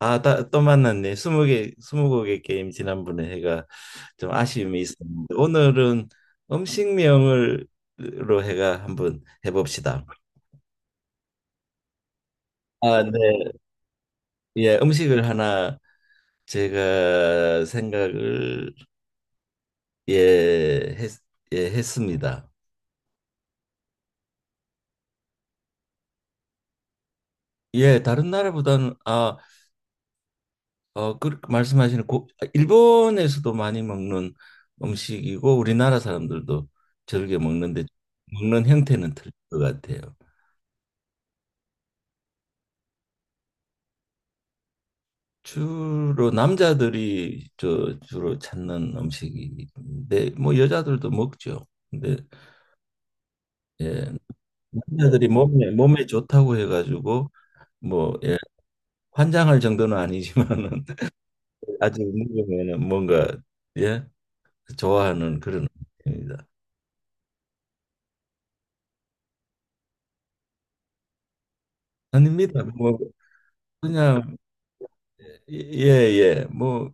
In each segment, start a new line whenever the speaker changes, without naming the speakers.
아, 또 만났네. 스무 개, 스무 곡의 게임 지난번에 해가 좀 아쉬움이 있었는데 오늘은 음식명을 로 해가 한번 해봅시다. 아, 네. 예, 음식을 하나 제가 생각을 예, 했, 예, 했습니다. 예, 다른 나라보다는 아, 어, 그 말씀하시는 고, 일본에서도 많이 먹는 음식이고 우리나라 사람들도 즐겨 먹는데 먹는 형태는 틀릴 것 같아요. 주로 남자들이 저 주로 찾는 음식인데 뭐 여자들도 먹죠. 근데 예, 남자들이 몸에 좋다고 해가지고 뭐 예, 환장할 정도는 아니지만은 아직 먹으면은 뭔가 예 좋아하는 그런 음식입니다. 아닙니다. 뭐 그냥 예예 뭐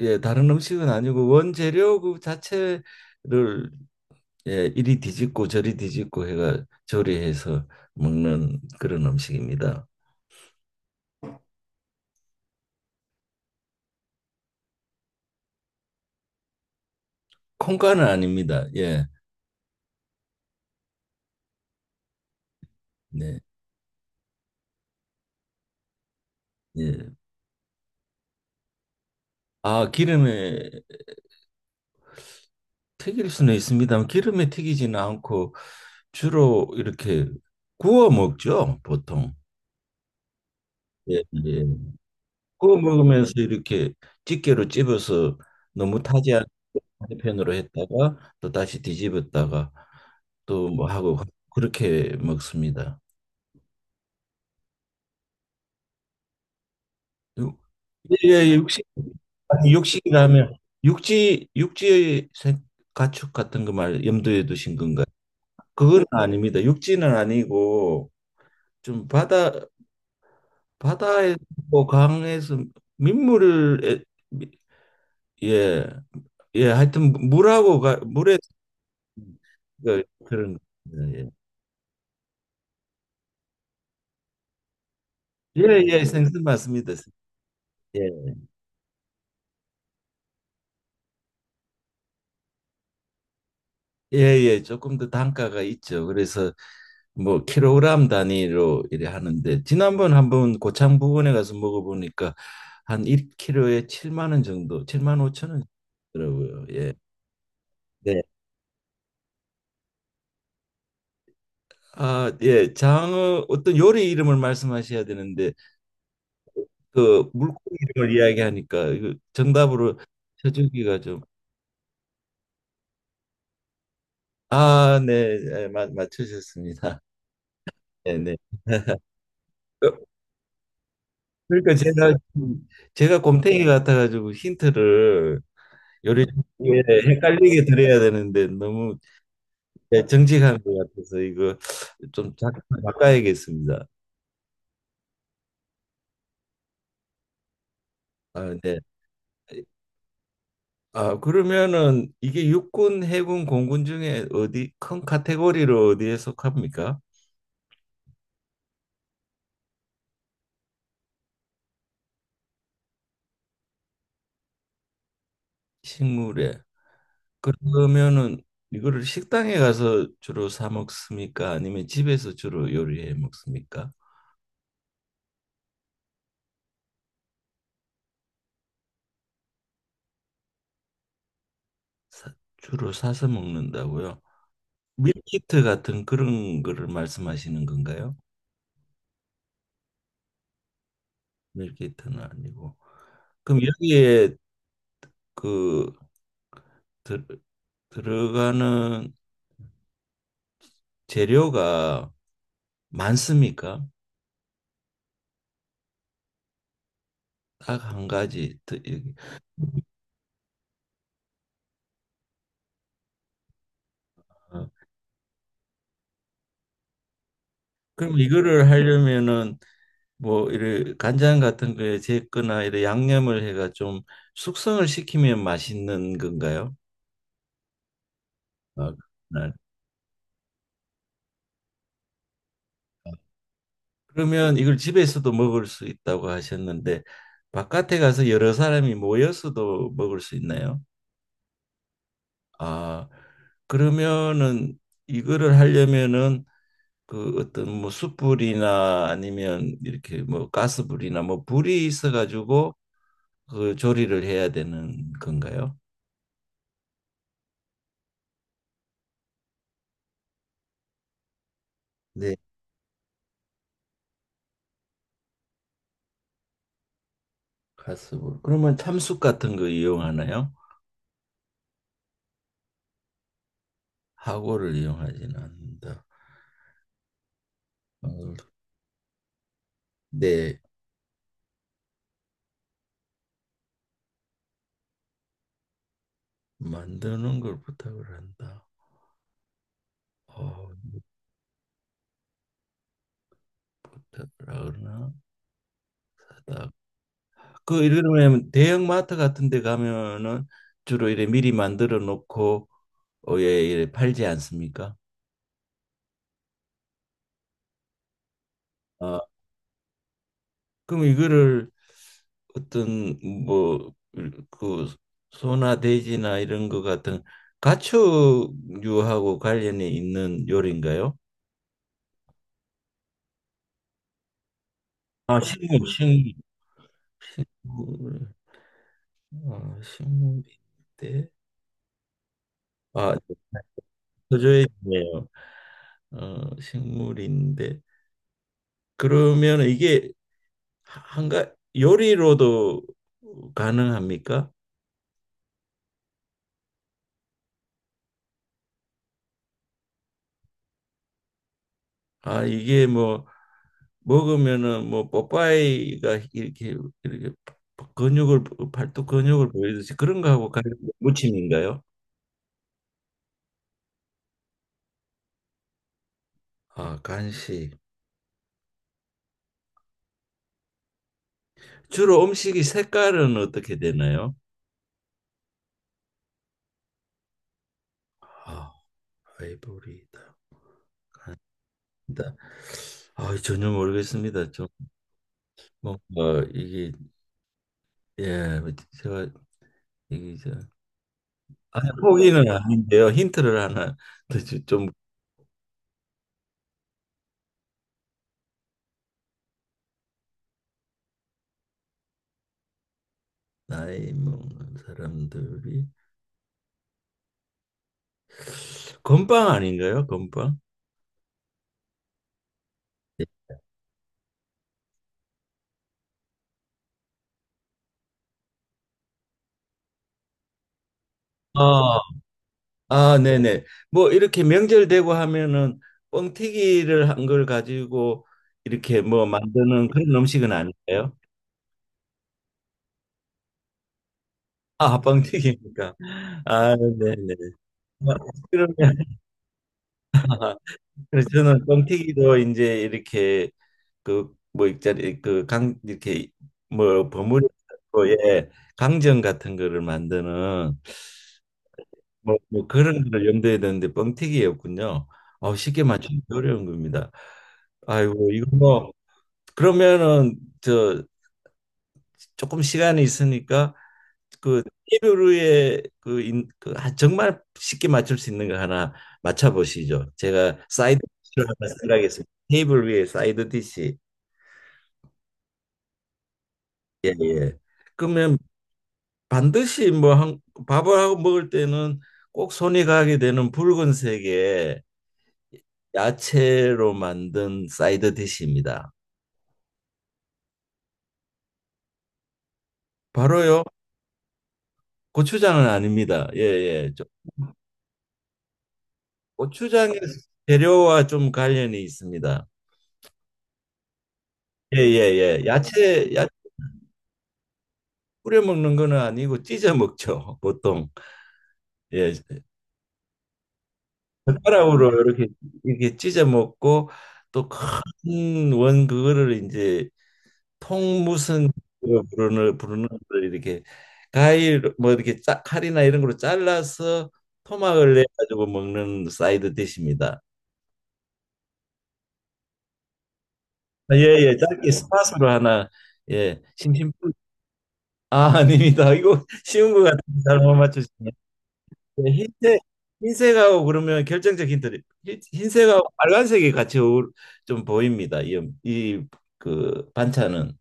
예 다른 음식은 아니고 원재료 그 자체를 예, 이리 뒤집고 저리 뒤집고 해가 조리해서 먹는 그런 음식입니다. 콩가는 아닙니다. 예, 네, 예. 아, 기름에 튀길 수는 있습니다만 기름에 튀기지는 않고 주로 이렇게 구워 먹죠, 보통. 예, 예. 구워 먹으면서 이렇게 집게로 찝어서 너무 타지 않은 편으로 했다가 또 다시 뒤집었다가 또 뭐 하고 그렇게 먹습니다. 육- 예, 예, 육식, 아니, 육식이라면 육지, 가축 같은 거 말 염두에 두신 건가요? 그건 아닙니다. 육지는 아니고 좀 바다, 바다에서 강에서 민물을 미- 예, 예, 하여튼 물하고 가, 물에 그, 그런 거. 예, 예, 예, 예, 생선 맞습니다. 예, 예, 예, 조금 더 단가가 있죠. 그래서 뭐 킬로그램 단위로 이래 하는데 지난번 한번 고창 부근에 가서 먹어보니까 한 1kg에 7만 원 정도, 7만 5천 원이더라고요. 예. 네. 아, 예. 장어 어떤 요리 이름을 말씀하셔야 되는데 그 물고기 이름을 이야기하니까 이거 정답으로 쳐주기가 좀 아, 네. 예, 맞 맞추셨습니다. 네, 네. 그러니까 제가 곰탱이 같아가지고 힌트를 요리 예, 헷갈리게 드려야 되는데 너무 예, 정직한 것 같아서 이거 좀 작- 바꿔야겠습니다. 아, 네. 아, 그러면은 이게 육군, 해군, 공군 중에 어디 큰 카테고리로 어디에 속합니까? 식물에. 그러면은 이거를 식당에 가서 주로 사 먹습니까? 아니면 집에서 주로 요리해 먹습니까? 주로 사서 먹는다고요? 밀키트 같은 그런 거를 말씀하시는 건가요? 밀키트는 아니고. 그럼 여기에 그 들, 들어가는 재료가 많습니까? 딱 한 가지. 더- 여기. 어. 그럼 이거를 하려면은 뭐 이래 간장 같은 거에 제거나 이래 양념을 해가 좀 숙성을 시키면 맛있는 건가요? 아, 그렇구나. 아, 그러면 이걸 집에서도 먹을 수 있다고 하셨는데 바깥에 가서 여러 사람이 모여서도 먹을 수 있나요? 아, 그러면은 이거를 하려면은 그 어떤 뭐 숯불이나 아니면 이렇게 뭐 가스불이나 뭐 불이 있어 가지고 그 조리를 해야 되는 건가요? 네, 가스불. 그러면 참숯 같은 거 이용하나요? 하고를 이용하지는 않는다. 어, 네, 만드는 걸 부탁을 한다. 어, 부탁을 하나 하다. 그 이러면 대형마트 같은 데 가면은 주로 이래 미리 만들어 놓고 에 팔지 않습니까? 아, 그럼 이거를 어떤 뭐그 소나 돼지나 이런 것 같은 가축류하고 관련이 있는 요리인가요? 아, 식물, 식물, 식물, 아, 식물인데, 아, 네요. 어, 식물인데 그러면 이게 한가 요리로도 가능합니까? 아, 이게 뭐 먹으면은 뭐 뽀빠이가 이렇게 이렇게 근육을 팔뚝 근육을 보이듯이 그런 거하고 간식 무침인가요? 아, 간식. 주로 음식이 색깔은 어떻게 되나요? 아, 아이보리다. 나- 아, 전혀 모르겠습니다. 좀 뭔가 이게 예, 제가 이게 저 아니, 포기는 아닌데요. 힌트를 하나 더좀 나이 먹는 사람들이 건빵 아닌가요? 건빵? 아, 아, 네네. 뭐 이렇게 명절 되고 하면은 뻥튀기를 한 걸 가지고 이렇게 뭐 만드는 그런 음식은 아닐까요? 아, 뻥튀기니까. 아, 네네. 아, 그러면 그래서 저는 뻥튀기도 이제 이렇게 그 뭐 있잖아요. 그 강 이렇게 뭐 버무리고 예 강정 같은 거를 만드는 뭐, 뭐 그런 걸 염두에 두는데 뻥튀기였군요. 아, 쉽게 맞추기 어려운 겁니다. 아이고 이거 뭐 그러면은 저 조금 시간이 있으니까 그 테이블 그, 인, 그 아, 정말 쉽게 맞출 수 있는 거 하나 맞춰보시죠. 제가 사이드 디시를 하나 생각했습니다. 테이블 위에 사이드 디시. 예. 그러면 반드시 뭐 한, 밥을 하고 먹을 때는 꼭 손이 가게 되는 붉은색의 야채로 만든 사이드 디시입니다. 바로요. 고추장은 아닙니다. 예, 예. 저- 고추장의 재료와 좀 관련이 있습니다. 예, 예, 예. 야채, 야채 뿌려 먹는 거는 아니고 찢어 먹죠. 보통. 예. 젓가락으로 이렇게 이렇게 찢어 먹고 또 큰 원 그거를 이제 통 무슨 부르는 걸 이렇게 과일 뭐 이렇게 칼이나 이런 걸로 잘라서 토막을 내 가지고 먹는 사이드 디시입니다. 예예 짧게 스팟으로 하나 예 심심 아 아닙니다. 이거 쉬운 것 같은데 잘못 맞추시네. 예, 흰색 흰색하고 그러면 결정적 힌트 흰색하고 빨간색이 같이 어울- 좀 보입니다. 이 그 반찬은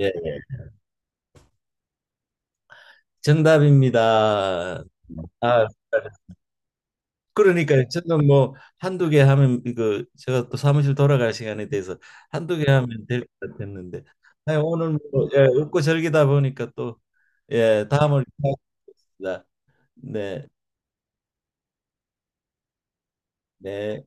예 예. 정답입니다. 아 그러니까 저는 뭐 한두 개 하면 이거 제가 또 사무실 돌아갈 시간에 대해서 한두 개 하면 될 것 같았는데 아니, 오늘 뭐 예, 웃고 즐기다 보니까 또 예, 다음을 기대하겠습니다. 네, 네.